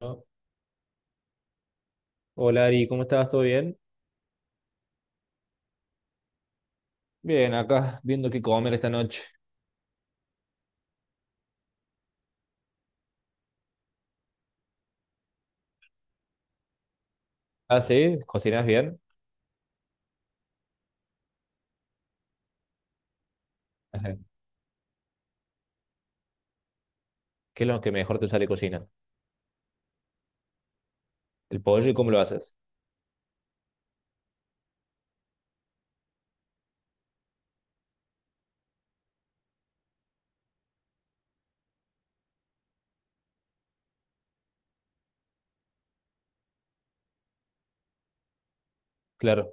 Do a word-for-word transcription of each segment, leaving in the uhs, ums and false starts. ¿No? Hola Ari, ¿cómo estás? ¿Todo bien? Bien, acá viendo qué comer esta noche. Ah, sí, ¿cocinas bien? Ajá. ¿Qué es lo que mejor te sale cocinar? ¿El pollo y cómo lo haces? Claro.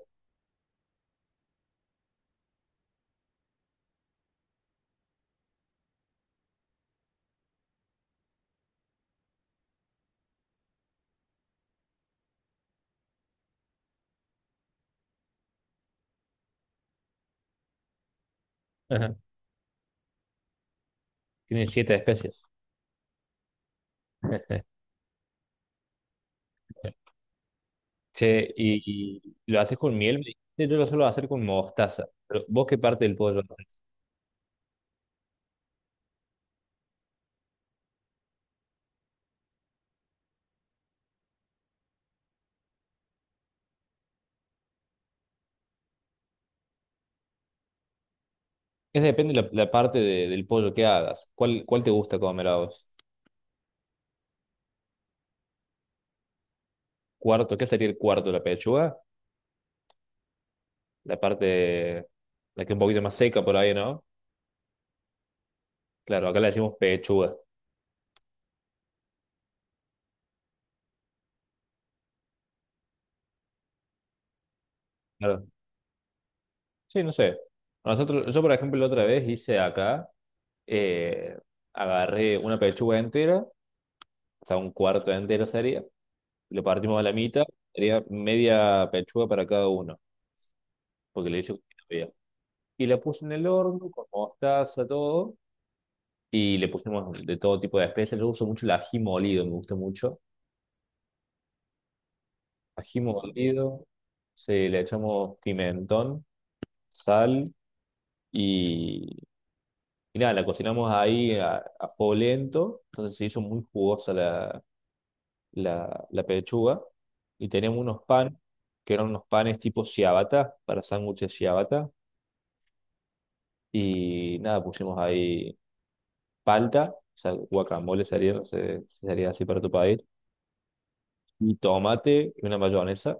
Ajá. Tiene siete especies. Che, y, y ¿lo haces con miel? Me dijiste. Yo lo suelo hacer con mostaza. Pero ¿vos qué parte del pollo haces? Es depende la, la parte de- del pollo que hagas. ¿Cuál, cuál te gusta comer a vos? ¿Cuarto? ¿Qué sería el cuarto? ¿La pechuga? La parte, la que es un poquito más seca por ahí, ¿no? Claro, acá le decimos pechuga. Claro. Sí, no sé. Nosotros, yo, por ejemplo, la otra vez hice acá, eh, agarré una pechuga entera, o sea, un cuarto entero sería, lo partimos a la mitad, sería media pechuga para cada uno, porque le he hecho. Y la puse en el horno con mostaza, todo, y le pusimos de todo tipo de especias. Yo uso mucho el ají molido, me gusta mucho. Ají molido, sí, le echamos pimentón, sal. Y nada, la cocinamos ahí a, a fuego lento, entonces se hizo muy jugosa la, la, la pechuga. Y teníamos unos panes, que eran unos panes tipo ciabatta, para sándwiches ciabatta. Y nada, pusimos ahí palta, o sea, guacamole sería, no sé si sería así para tu país. Y tomate y una mayonesa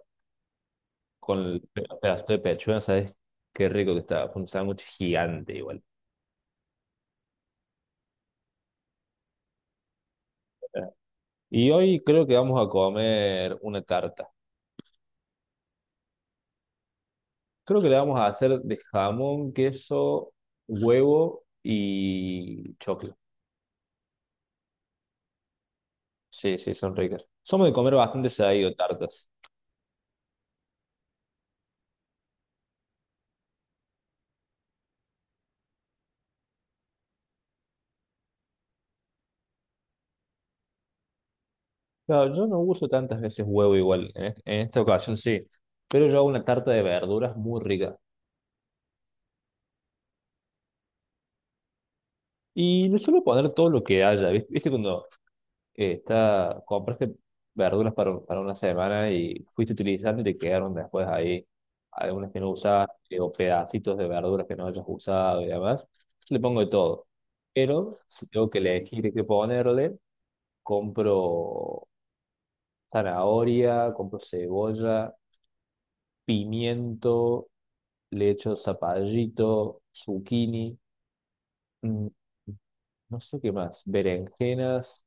con el pe- pedazo de pechuga, ¿sabes? Qué rico que estaba, fue un sándwich gigante igual. Y hoy creo que vamos a comer una tarta. Creo que le vamos a hacer de jamón, queso, huevo y choclo. Sí, sí, son ricas. Somos de comer bastante seguido tartas. Claro, yo no uso tantas veces huevo igual. En, es- en esta ocasión sí. Pero yo hago una tarta de verduras muy rica. Y le suelo poner todo lo que haya. ¿Viste? ¿Viste cuando esta, compraste verduras para, para una semana y fuiste utilizando y te quedaron después ahí algunas que no usaste o pedacitos de verduras que no hayas usado y demás? Le pongo de todo. Pero si tengo que elegir qué ponerle, compro zanahoria, compro cebolla, pimiento, le echo zapallito, zucchini, mm, no sé qué más, berenjenas.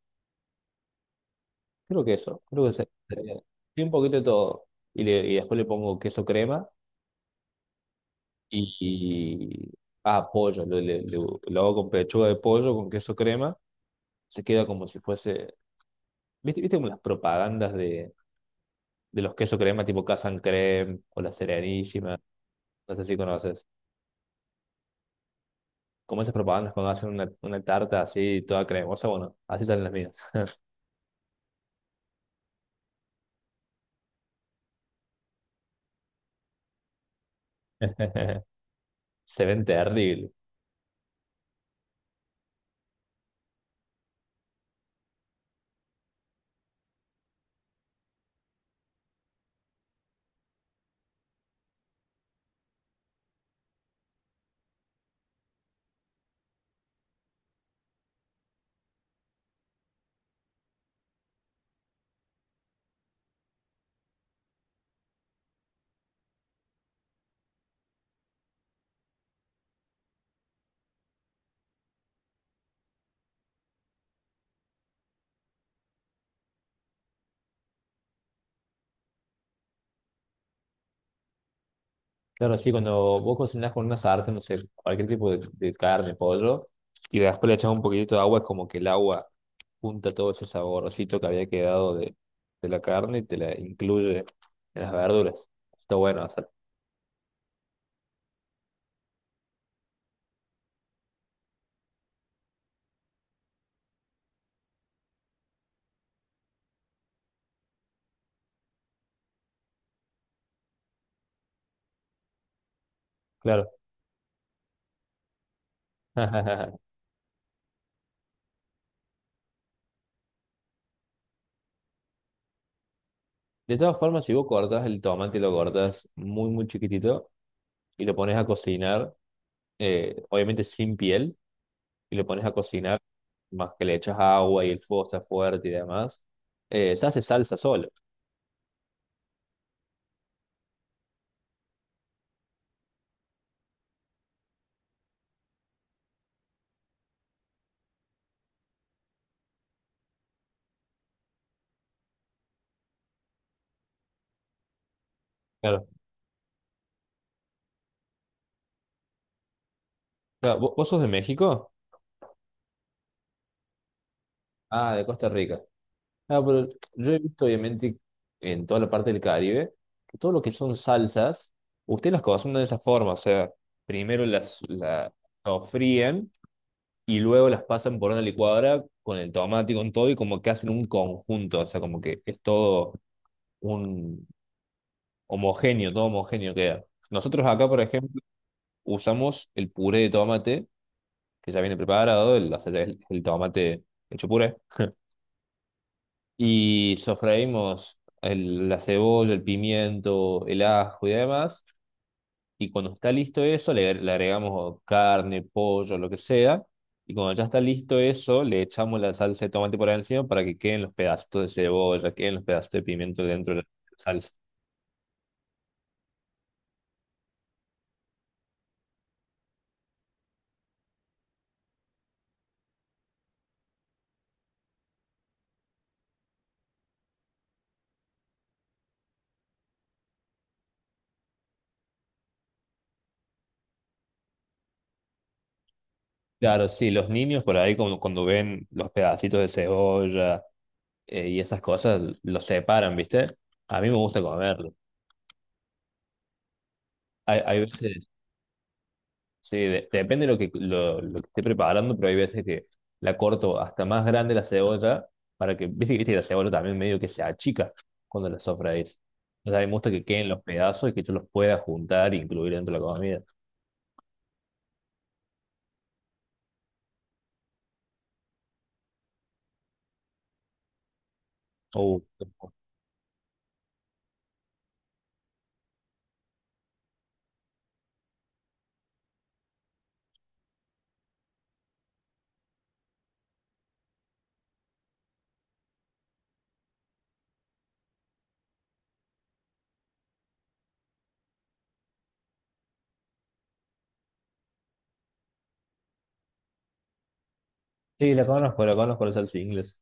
Creo que eso, creo que se sería sí, un poquito de todo. Y, le- y después le pongo queso crema y, y- ah, pollo. Lo, le- le- lo hago con pechuga de pollo, con queso crema. Se queda como si fuese. ¿Viste, viste como las propagandas de, de los queso crema tipo Casan Creme o la Serenísima? No sé si conoces. Como esas propagandas cuando hacen una, una tarta así toda cremosa, bueno, así salen las mías. Se ven terribles. Claro, sí, cuando vos cocinás con una sartén, no sé, cualquier tipo de, de carne, pollo, y después le echás un poquitito de agua, es como que el agua junta todo ese saborcito que había quedado de, de la carne y te la incluye en las verduras. Está bueno hacer, claro. De todas formas, si vos cortás el tomate y lo cortás muy, muy chiquitito y lo pones a cocinar, eh, obviamente sin piel, y lo pones a cocinar, más que le echas agua y el fuego está fuerte y demás, eh, se hace salsa solo. Claro. Claro, ¿vo- ¿vos sos de México? Ah, de Costa Rica. Ah, pero yo he visto, obviamente, en toda la parte del Caribe, que todo lo que son salsas, ustedes las cocinan de esa forma. O sea, primero las, la sofríen y luego las pasan por una licuadora con el tomate y con todo, y como que hacen un conjunto. O sea, como que es todo un homogéneo, todo homogéneo queda. Nosotros acá, por ejemplo, usamos el puré de tomate, que ya viene preparado, el, o sea, el el tomate hecho puré. Y sofreímos el- la cebolla, el pimiento, el ajo y demás. Y cuando está listo eso, le, le agregamos carne, pollo, lo que sea. Y cuando ya está listo eso, le echamos la salsa de tomate por encima para que queden los pedacitos de cebolla, queden los pedacitos de pimiento dentro de la salsa. Claro, sí, los niños por ahí cuando, cuando ven los pedacitos de cebolla eh, y esas cosas, los separan, ¿viste? A mí me gusta comerlo. Hay, hay veces. Sí, de- depende de lo que, lo, lo que esté preparando, pero hay veces que la corto hasta más grande la cebolla para que, viste, viste que la cebolla también medio que se achica cuando la sofreís. O sea, me gusta que queden los pedazos y que yo los pueda juntar e incluir dentro de la comida. Uh, sí, la conozco, la conozco, la salsa inglesa.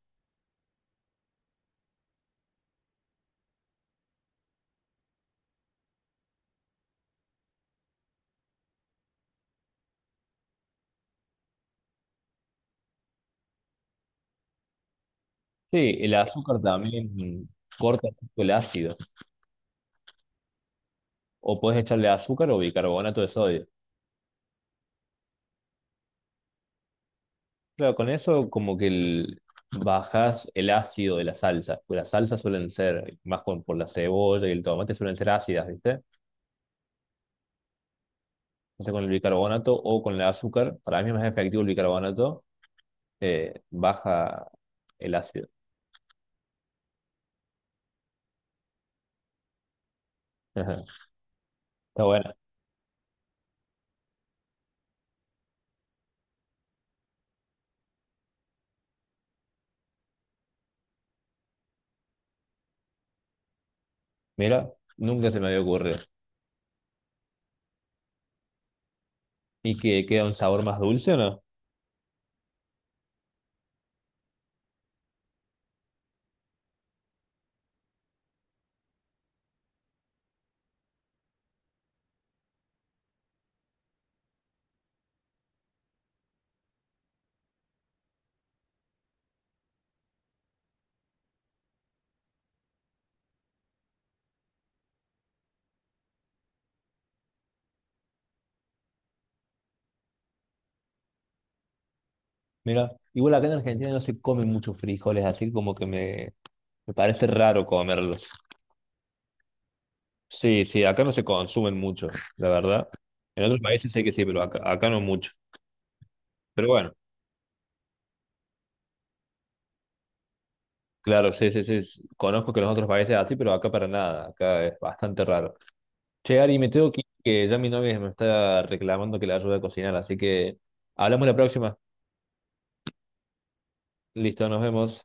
Sí, el azúcar también corta un poco el ácido. O puedes echarle azúcar o bicarbonato de sodio. Claro, con eso como que el, bajás el ácido de la salsa. Pues las salsas suelen ser, más con, por la cebolla y el tomate, suelen ser ácidas, ¿viste? Entonces con el bicarbonato o con el azúcar, para mí es más efectivo el bicarbonato, eh, baja el ácido. Está bueno. Mira, nunca se me había ocurrido. ¿Y que queda un sabor más dulce o no? Mira, igual acá en Argentina no se comen muchos frijoles, así como que me, me parece raro comerlos. Sí, sí, acá no se consumen mucho, la verdad. En otros países sé que sí, pero acá, acá no mucho. Pero bueno, claro, sí, sí, sí, sí, conozco que en los otros países es así, pero acá para nada. Acá es bastante raro. Che, Ari, me tengo que ir, que ya mi novia me está reclamando que la ayude a cocinar, así que hablamos la próxima. Listo, nos vemos.